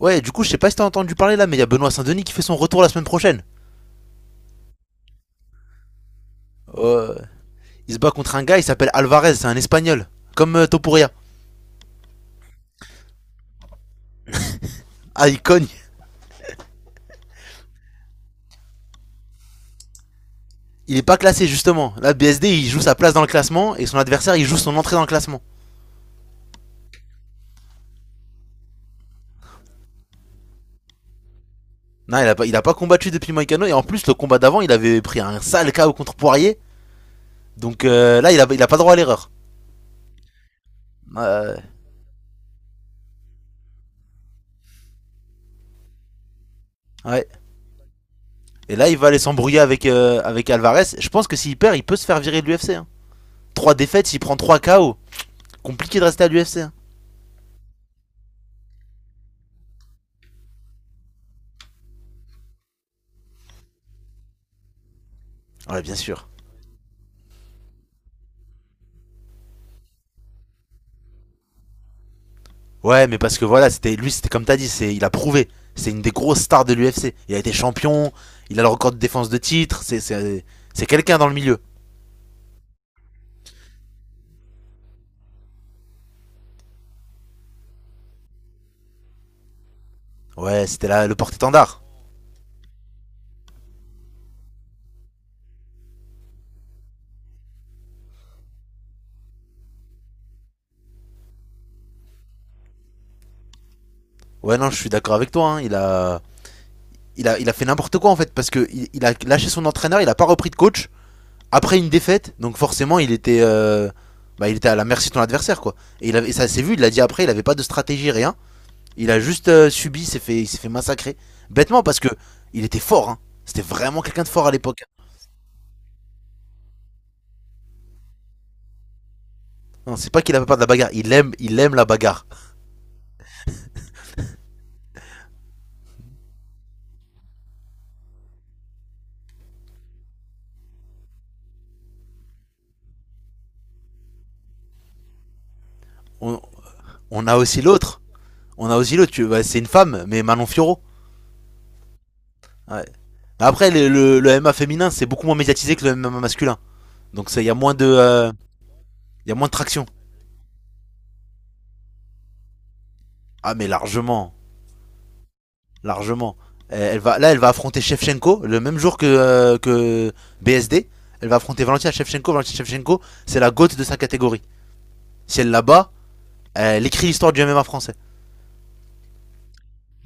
Ouais, du coup, je sais pas si t'as entendu parler là, mais il y a Benoît Saint-Denis qui fait son retour la semaine prochaine. Euh, il se bat contre un gars, il s'appelle Alvarez, c'est un espagnol. Comme Topuria. Ah, il cogne. Il est pas classé justement. Là, BSD, il joue sa place dans le classement et son adversaire, il joue son entrée dans le classement. Non, il a pas combattu depuis Moïcano et en plus, le combat d'avant, il avait pris un sale KO contre Poirier. Donc, là, il a pas droit à l'erreur. Euh, ouais. Et là, il va aller s'embrouiller avec Alvarez. Je pense que s'il perd, il peut se faire virer de l'UFC. Hein. Trois défaites, il prend 3 KO. Compliqué de rester à l'UFC. Hein. Ouais, bien sûr. Ouais, mais parce que voilà, c'était lui, c'était comme t'as dit, c'est il a prouvé. C'est une des grosses stars de l'UFC. Il a été champion, il a le record de défense de titre. C'est quelqu'un dans le milieu. Ouais, c'était là le porte-étendard. Ouais, non, je suis d'accord avec toi, hein. Il a fait n'importe quoi, en fait, parce que il a lâché son entraîneur, il a pas repris de coach après une défaite. Donc forcément, il était à la merci de ton adversaire, quoi. Et ça s'est vu, il l'a dit après, il avait pas de stratégie, rien. Il a juste subi, il s'est fait massacrer bêtement parce que il était fort. Hein. C'était vraiment quelqu'un de fort à l'époque. Non, c'est pas qu'il a pas peur de la bagarre. Il aime la bagarre. On, on a aussi l'autre. On a aussi l'autre. Ouais, c'est une femme, mais Manon Fiorot. Ouais. Après, le MMA féminin, c'est beaucoup moins médiatisé que le MMA masculin. Donc, ça, il y a moins de, y a moins de traction. Ah, mais largement, largement. Elle va, là, elle va affronter Shevchenko le même jour que BSD. Elle va affronter Valentina Shevchenko. Valentina Shevchenko, c'est la gote de sa catégorie. Si elle la bat, elle écrit l'histoire du MMA français.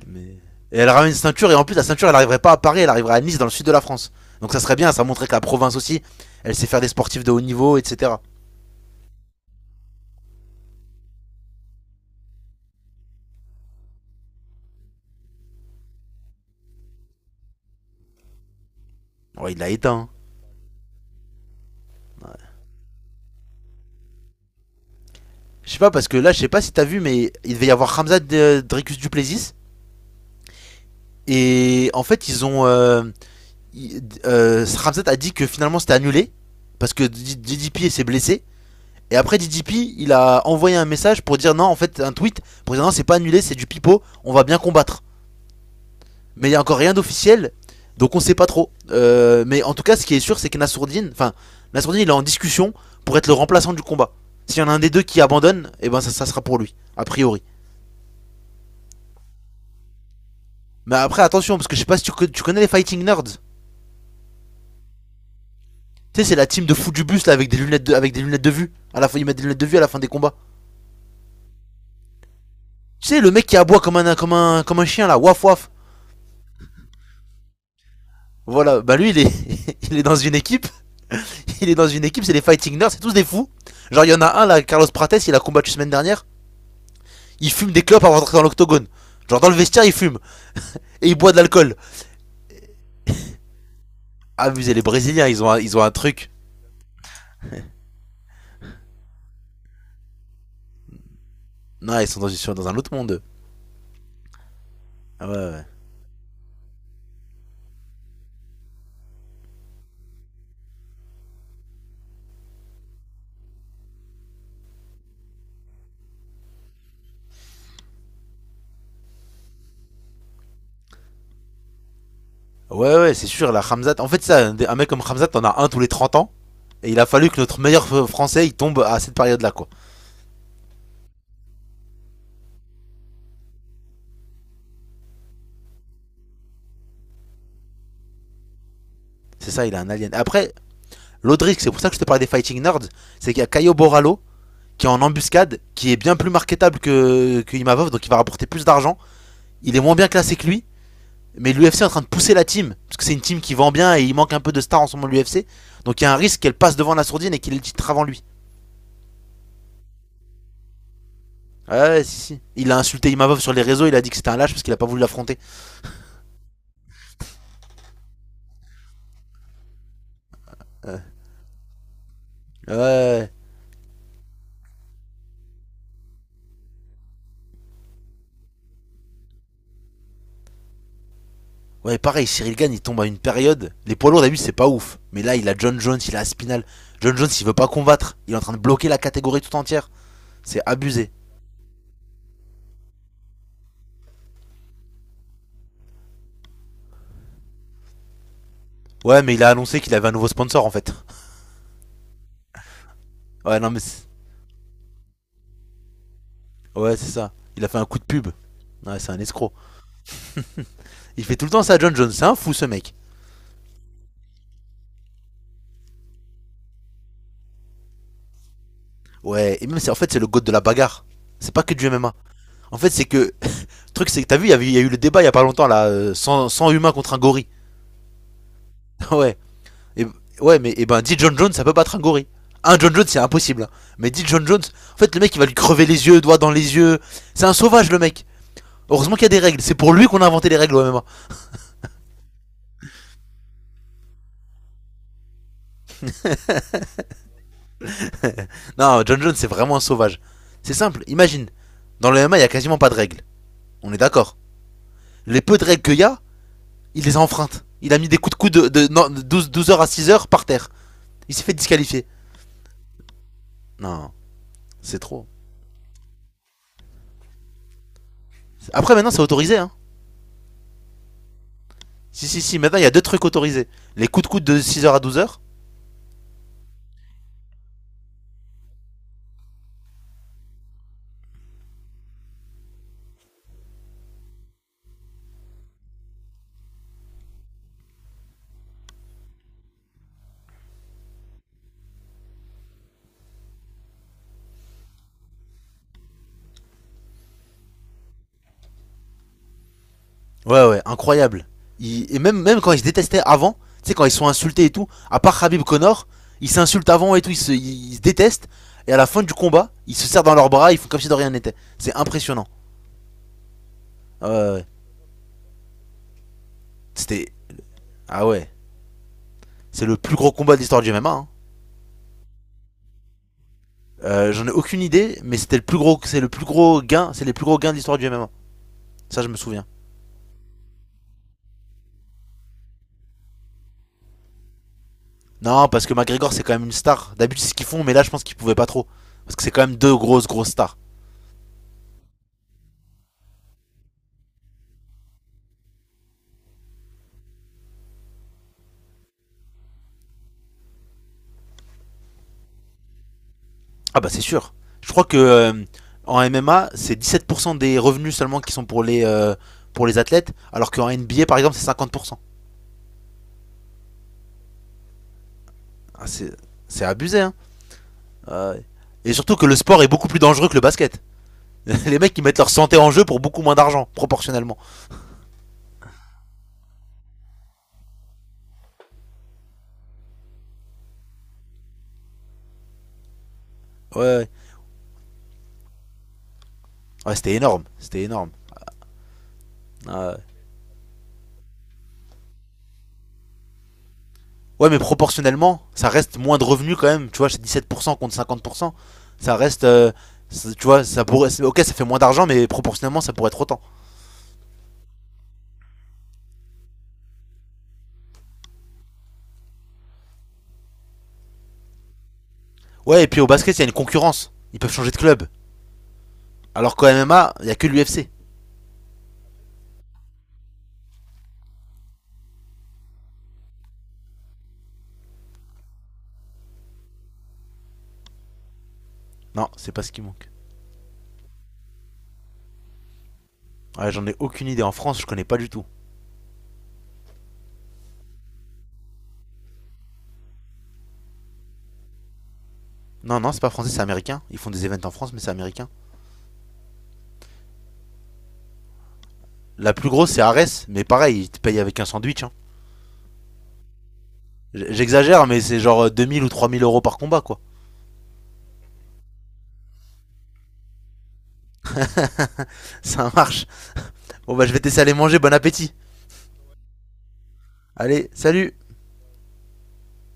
Mais... Et elle ramène une ceinture, et en plus, la ceinture, elle arriverait pas à Paris, elle arriverait à Nice, dans le sud de la France. Donc ça serait bien, ça montrait que la province aussi, elle sait faire des sportifs de haut niveau, etc. Bon, il l'a éteint. Hein. Je sais pas, parce que là, je sais pas si t'as vu, mais il devait y avoir Ramzat Dricus Duplessis. Et en fait, ils ont. Ramzat a dit que finalement c'était annulé. Parce que DDP s'est blessé. Et après DDP, il a envoyé un message pour dire non, en fait, un tweet. Pour dire non, c'est pas annulé, c'est du pipeau. On va bien combattre. Mais il y a encore rien d'officiel, donc on sait pas trop. Mais en tout cas, ce qui est sûr, c'est que Nassourdine, enfin, Nassourdine, il est en discussion pour être le remplaçant du combat. S'il y en a un des deux qui abandonne, et eh ben ça sera pour lui, a priori. Mais après, attention, parce que je sais pas si tu connais les Fighting Nerds. Tu sais, c'est la team de fous du bus là avec des lunettes de vue. À la fin, ils mettent des lunettes de vue à la fin des combats. Tu sais, le mec qui aboie comme un chien là, waf waf. Voilà, bah lui, il est, il est dans une équipe. Il est dans une équipe, c'est les Fighting Nerds, c'est tous des fous. Genre, il y en a un là, Carlos Prates, il a combattu semaine dernière. Il fume des clopes avant d'entrer dans l'octogone. Genre dans le vestiaire, il fume. Et il boit de l'alcool. Amusez les Brésiliens, ils ont un truc. Non, ils sont dans un autre monde. Ah ouais, ouais. Ouais, ouais, c'est sûr, la Hamzat. En fait, ça, un mec comme Hamzat, t'en as un tous les 30 ans. Et il a fallu que notre meilleur français, il tombe à cette période-là, quoi. C'est ça, il est un alien. Après, l'autre risque, c'est pour ça que je te parlais des Fighting Nerds, c'est qu'il y a Caio Borralho qui est en embuscade, qui est bien plus marketable que Imavov, donc il va rapporter plus d'argent. Il est moins bien classé que lui. Mais l'UFC est en train de pousser la team, parce que c'est une team qui vend bien et il manque un peu de stars en ce moment l'UFC. Donc il y a un risque qu'elle passe devant la sourdine et qu'il ait le titre avant lui. Ouais, ouais, si, si. Il a insulté Imavov sur les réseaux, il a dit que c'était un lâche parce qu'il a pas voulu l'affronter. Ouais. Ouais, Ouais, pareil, Cyril Gane, il tombe à une période. Les poids lourds, d'habitude, c'est pas ouf. Mais là, il a John Jones, il a Aspinal. John Jones, il veut pas combattre. Il est en train de bloquer la catégorie tout entière. C'est abusé. Ouais, mais il a annoncé qu'il avait un nouveau sponsor, en fait. Ouais, non, mais. Ouais, c'est ça. Il a fait un coup de pub. Ouais, c'est un escroc. Il fait tout le temps ça, John Jones. C'est un fou, ce mec. Ouais, et même c'est en fait c'est le god de la bagarre. C'est pas que du MMA. En fait, c'est que le truc c'est que t'as vu, il y a eu le débat il y a pas longtemps là, 100 humains contre un gorille. ouais. Et, ouais, mais et ben 10 John Jones, ça peut battre un gorille. Un John Jones, c'est impossible. Hein. Mais 10 John Jones, en fait le mec il va lui crever les yeux, doigts dans les yeux. C'est un sauvage, le mec. Heureusement qu'il y a des règles, c'est pour lui qu'on a inventé les règles au MMA. Non, John Jones c'est vraiment un sauvage. C'est simple, imagine. Dans le MMA, il y a quasiment pas de règles. On est d'accord. Les peu de règles qu'il y a, il les a enfreintes. Il a mis des coups de coude de 12 heures à 6 heures par terre. Il s'est fait disqualifier. Non, c'est trop. Après, maintenant, c'est autorisé. Hein. Si, si, si. Maintenant, il y a deux trucs autorisés. Les coups de coude de 6 heures à 12 heures. Ouais, ouais, incroyable. Et même, quand ils se détestaient avant, tu sais, quand ils sont insultés et tout, à part Khabib Connor, ils s'insultent avant et tout, ils se détestent. Et à la fin du combat, ils se serrent dans leurs bras, ils font comme si de rien n'était. C'est impressionnant. Ah ouais, ouais. C'était. Ah ouais. C'est le plus gros combat de l'histoire du MMA. Hein. J'en ai aucune idée, mais c'était le plus gros, c'est le plus gros gain, c'est les plus gros gains de l'histoire du MMA. Ça, je me souviens. Non, parce que McGregor, c'est quand même une star. D'habitude, c'est ce qu'ils font, mais là, je pense qu'ils pouvaient pas trop. Parce que c'est quand même deux grosses, grosses stars. Ah bah, c'est sûr. Je crois que en MMA, c'est 17% des revenus seulement qui sont pour les athlètes, alors qu'en NBA, par exemple, c'est 50%. Ah, c'est abusé, hein. Euh, et surtout que le sport est beaucoup plus dangereux que le basket. Les mecs, ils mettent leur santé en jeu pour beaucoup moins d'argent, proportionnellement. Ouais, ouais. Ouais, c'était énorme, c'était énorme. Euh, Ouais, mais proportionnellement, ça reste moins de revenus quand même. Tu vois, c'est 17% contre 50%. Ça reste. Tu vois, ça pourrait. Ok, ça fait moins d'argent, mais proportionnellement, ça pourrait être autant. Ouais, et puis au basket, il y a une concurrence. Ils peuvent changer de club. Alors qu'au MMA, il y a que l'UFC. Non, c'est pas ce qui manque. Ouais, j'en ai aucune idée. En France, je connais pas du tout. Non, non, c'est pas français, c'est américain. Ils font des events en France, mais c'est américain. La plus grosse, c'est Ares, mais pareil, ils te payent avec un sandwich. Hein. J'exagère, mais c'est genre 2000 ou 3000 € par combat, quoi. Ça marche. Bon, bah, je vais tester aller manger, bon appétit. Allez, salut